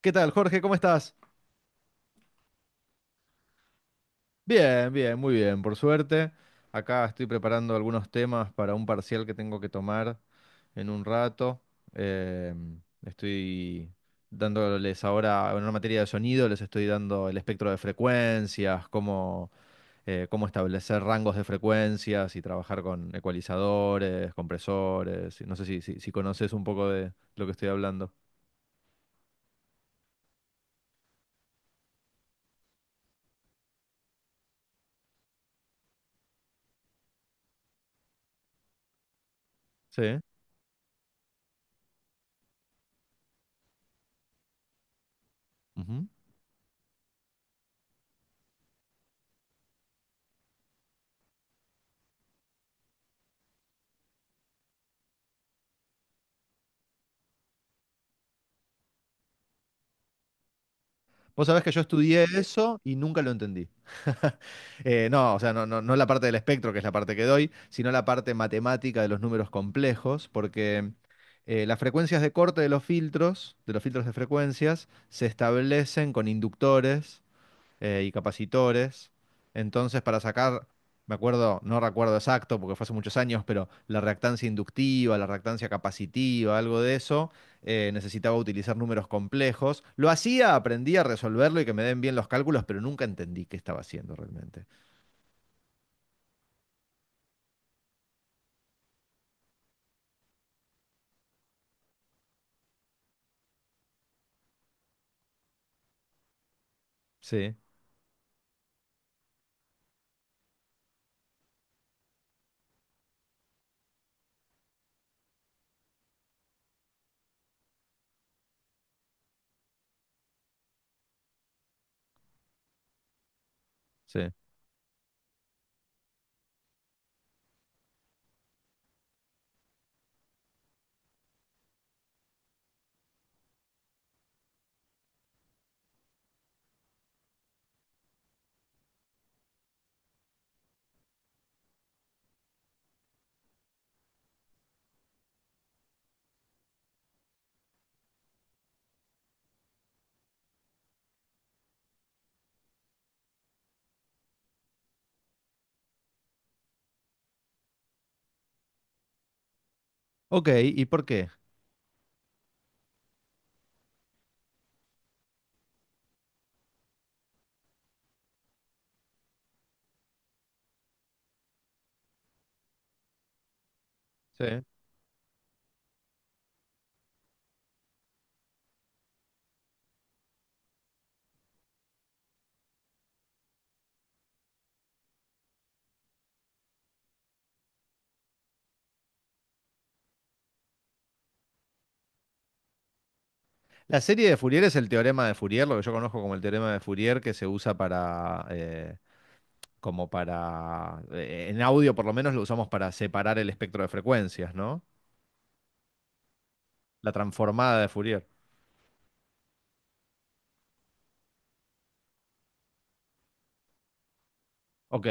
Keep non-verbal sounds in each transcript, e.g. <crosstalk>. ¿Qué tal, Jorge? ¿Cómo estás? Bien, bien, muy bien, por suerte. Acá estoy preparando algunos temas para un parcial que tengo que tomar en un rato. Em, estoy dándoles ahora, en una materia de sonido, les estoy dando el espectro de frecuencias, cómo, cómo establecer rangos de frecuencias y trabajar con ecualizadores, compresores. No sé si conoces un poco de lo que estoy hablando. Sí. Vos sabés que yo estudié eso y nunca lo entendí. <laughs> No, o sea, no, no, no la parte del espectro, que es la parte que doy, sino la parte matemática de los números complejos, porque las frecuencias de corte de los filtros, de los filtros de frecuencias, se establecen con inductores y capacitores. Entonces, para sacar, me acuerdo, no recuerdo exacto porque fue hace muchos años, pero la reactancia inductiva, la reactancia capacitiva, algo de eso, necesitaba utilizar números complejos. Lo hacía, aprendí a resolverlo y que me den bien los cálculos, pero nunca entendí qué estaba haciendo realmente. Sí, sí. Ok, ¿y por qué? Sí. La serie de Fourier es el teorema de Fourier, lo que yo conozco como el teorema de Fourier que se usa para, como para, en audio por lo menos lo usamos para separar el espectro de frecuencias, ¿no? La transformada de Fourier. Ok,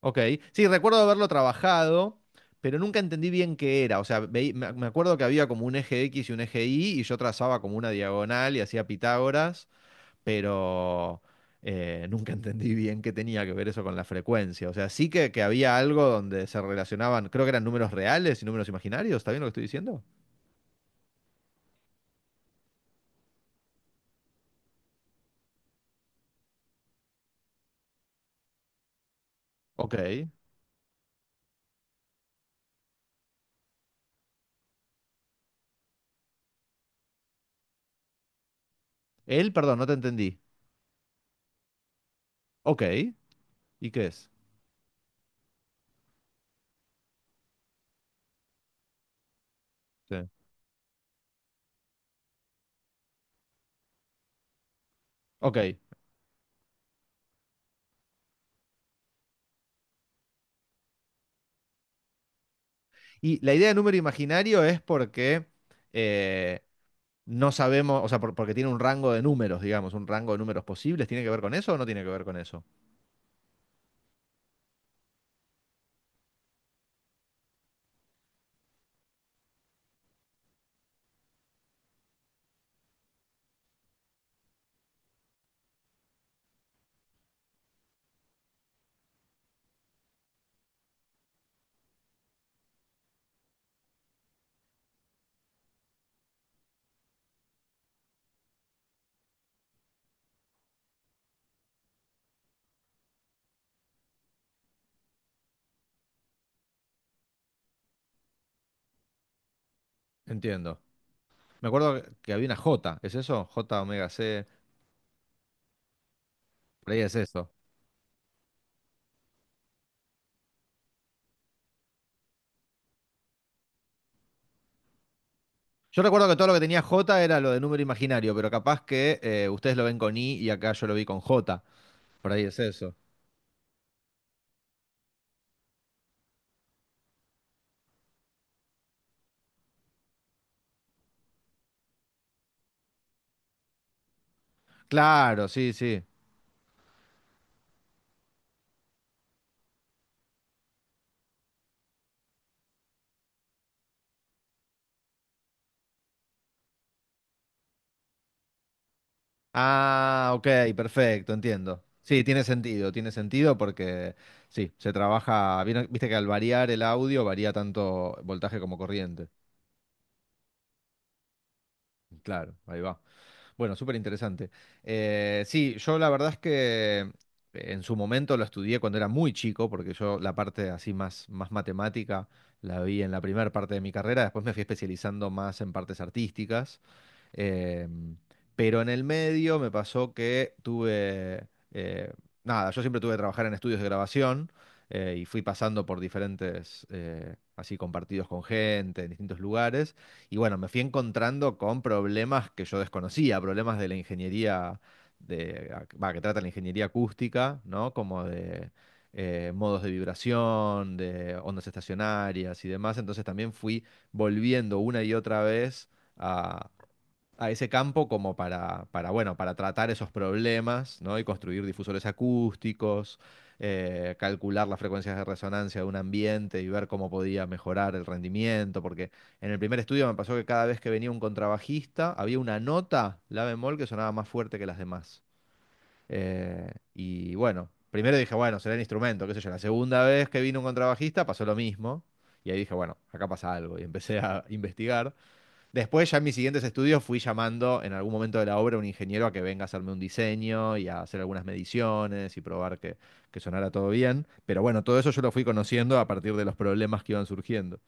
ok. Sí, recuerdo haberlo trabajado, pero nunca entendí bien qué era. O sea, me acuerdo que había como un eje X y un eje Y, y yo trazaba como una diagonal y hacía Pitágoras, pero nunca <laughs> entendí bien qué tenía que ver eso con la frecuencia. O sea, sí que había algo donde se relacionaban, creo que eran números reales y números imaginarios, ¿está bien lo que estoy diciendo? Ok. Él, perdón, no te entendí. Ok, ¿y qué es? Sí. Ok. Y la idea de número imaginario es porque eh, no sabemos, o sea, porque tiene un rango de números, digamos, un rango de números posibles. ¿Tiene que ver con eso o no tiene que ver con eso? Entiendo. Me acuerdo que había una J, ¿es eso? J omega C, por ahí es eso. Yo recuerdo que todo lo que tenía J era lo de número imaginario, pero capaz que ustedes lo ven con I y acá yo lo vi con J. Por ahí es eso. Claro, sí, sí. Ah, ok, perfecto, entiendo. Sí, tiene sentido porque sí, se trabaja, viste que al variar el audio varía tanto voltaje como corriente. Claro, ahí va. Bueno, súper interesante. Sí, yo la verdad es que en su momento lo estudié cuando era muy chico, porque yo la parte así más, más matemática la vi en la primera parte de mi carrera, después me fui especializando más en partes artísticas. Eh, pero en el medio me pasó que tuve, nada, yo siempre tuve que trabajar en estudios de grabación y fui pasando por diferentes, así compartidos con gente, en distintos lugares. Y bueno, me fui encontrando con problemas que yo desconocía, problemas de la ingeniería, de, va, que trata la ingeniería acústica, ¿no? Como de modos de vibración, de ondas estacionarias y demás, entonces también fui volviendo una y otra vez a ese campo como para, bueno, para tratar esos problemas, ¿no? Y construir difusores acústicos, calcular las frecuencias de resonancia de un ambiente y ver cómo podía mejorar el rendimiento, porque en el primer estudio me pasó que cada vez que venía un contrabajista había una nota, la bemol, que sonaba más fuerte que las demás. Y bueno, primero dije, bueno, será el instrumento, qué sé yo. La segunda vez que vino un contrabajista pasó lo mismo. Y ahí dije, bueno, acá pasa algo. Y empecé a investigar. Después, ya en mis siguientes estudios, fui llamando en algún momento de la obra a un ingeniero a que venga a hacerme un diseño y a hacer algunas mediciones y probar que sonara todo bien. Pero bueno, todo eso yo lo fui conociendo a partir de los problemas que iban surgiendo.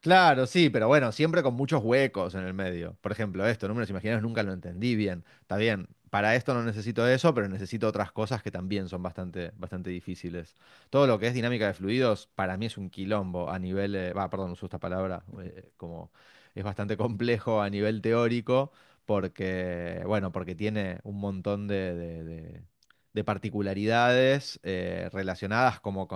Claro, sí, pero bueno, siempre con muchos huecos en el medio. Por ejemplo, esto, números imaginarios nunca lo entendí bien. Está bien, para esto no necesito eso, pero necesito otras cosas que también son bastante, bastante difíciles. Todo lo que es dinámica de fluidos, para mí es un quilombo a nivel, va, perdón, uso esta palabra, como es bastante complejo a nivel teórico, porque, bueno, porque tiene un montón de, de particularidades relacionadas como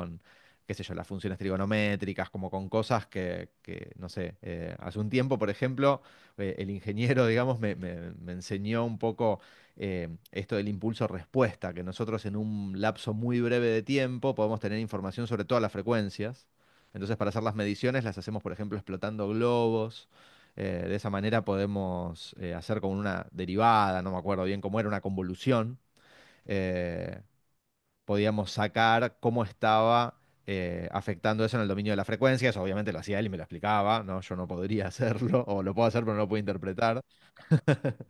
qué sé yo, las funciones trigonométricas, como con cosas que, no sé, hace un tiempo, por ejemplo, el ingeniero, <laughs> digamos, me enseñó un poco esto del impulso-respuesta, que nosotros en un lapso muy breve de tiempo podemos tener información sobre todas las frecuencias. Entonces, para hacer las mediciones, las hacemos, por ejemplo, explotando globos. De esa manera podemos hacer como una derivada, no me acuerdo bien cómo era, una convolución. Eh, Podíamos sacar cómo estaba afectando eso en el dominio de las frecuencias. Obviamente lo hacía él y me lo explicaba, ¿no? Yo no podría <laughs> hacerlo, o lo puedo hacer, pero no lo puedo interpretar. <laughs>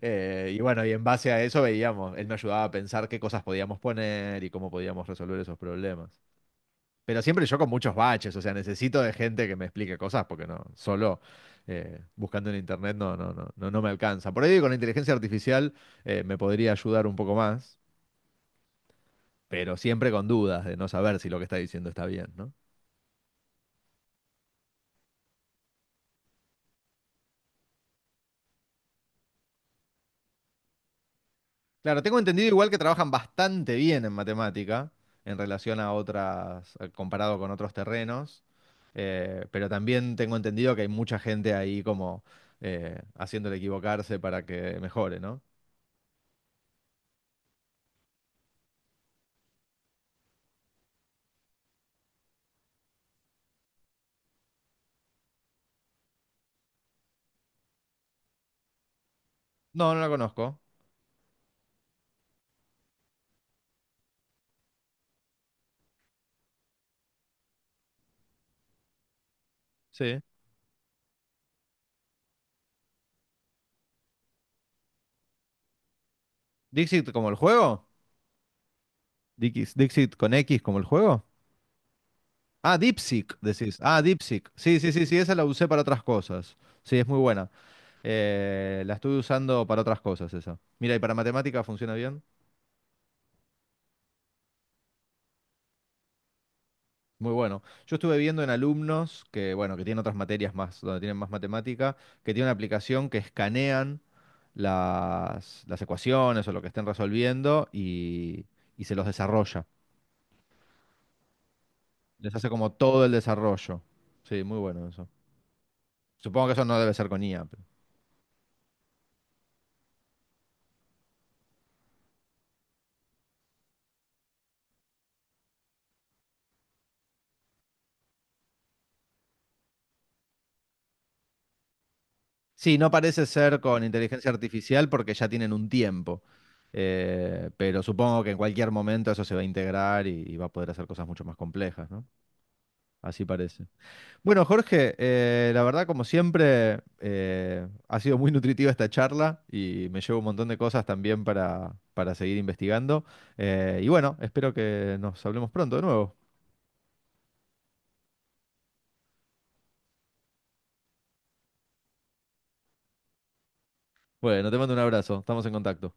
Y bueno, y en base a eso veíamos, él me ayudaba a pensar qué cosas podíamos poner y cómo podíamos resolver esos problemas. Pero siempre yo con muchos baches, o sea, necesito de gente que me explique cosas porque no, solo buscando en internet no, no, no, no, no me alcanza. Por ahí con la inteligencia artificial me podría ayudar un poco más, pero siempre con dudas de no saber si lo que está diciendo está bien, ¿no? Claro, tengo entendido igual que trabajan bastante bien en matemática en relación a otras, comparado con otros terrenos, pero también tengo entendido que hay mucha gente ahí como haciéndole equivocarse para que mejore, ¿no? No, no la conozco. Sí. ¿Dixit como el juego? ¿Dixit con X como el juego? Ah, DeepSeek, decís. Ah, DeepSeek. Sí, sí, sí, sí, esa la usé para otras cosas. Sí, es muy buena. La estuve usando para otras cosas esa. Mira, y para matemáticas funciona bien. Muy bueno. Yo estuve viendo en alumnos que, bueno, que tienen otras materias más, donde tienen más matemática, que tienen una aplicación que escanean las ecuaciones o lo que estén resolviendo y se los desarrolla. Les hace como todo el desarrollo. Sí, muy bueno eso. Supongo que eso no debe ser con IA. Sí, no parece ser con inteligencia artificial porque ya tienen un tiempo. Pero supongo que en cualquier momento eso se va a integrar y va a poder hacer cosas mucho más complejas, ¿no? Así parece. Bueno, Jorge, la verdad, como siempre, ha sido muy nutritiva esta charla y me llevo un montón de cosas también para seguir investigando. Y bueno, espero que nos hablemos pronto de nuevo. Bueno, te mando un abrazo, estamos en contacto.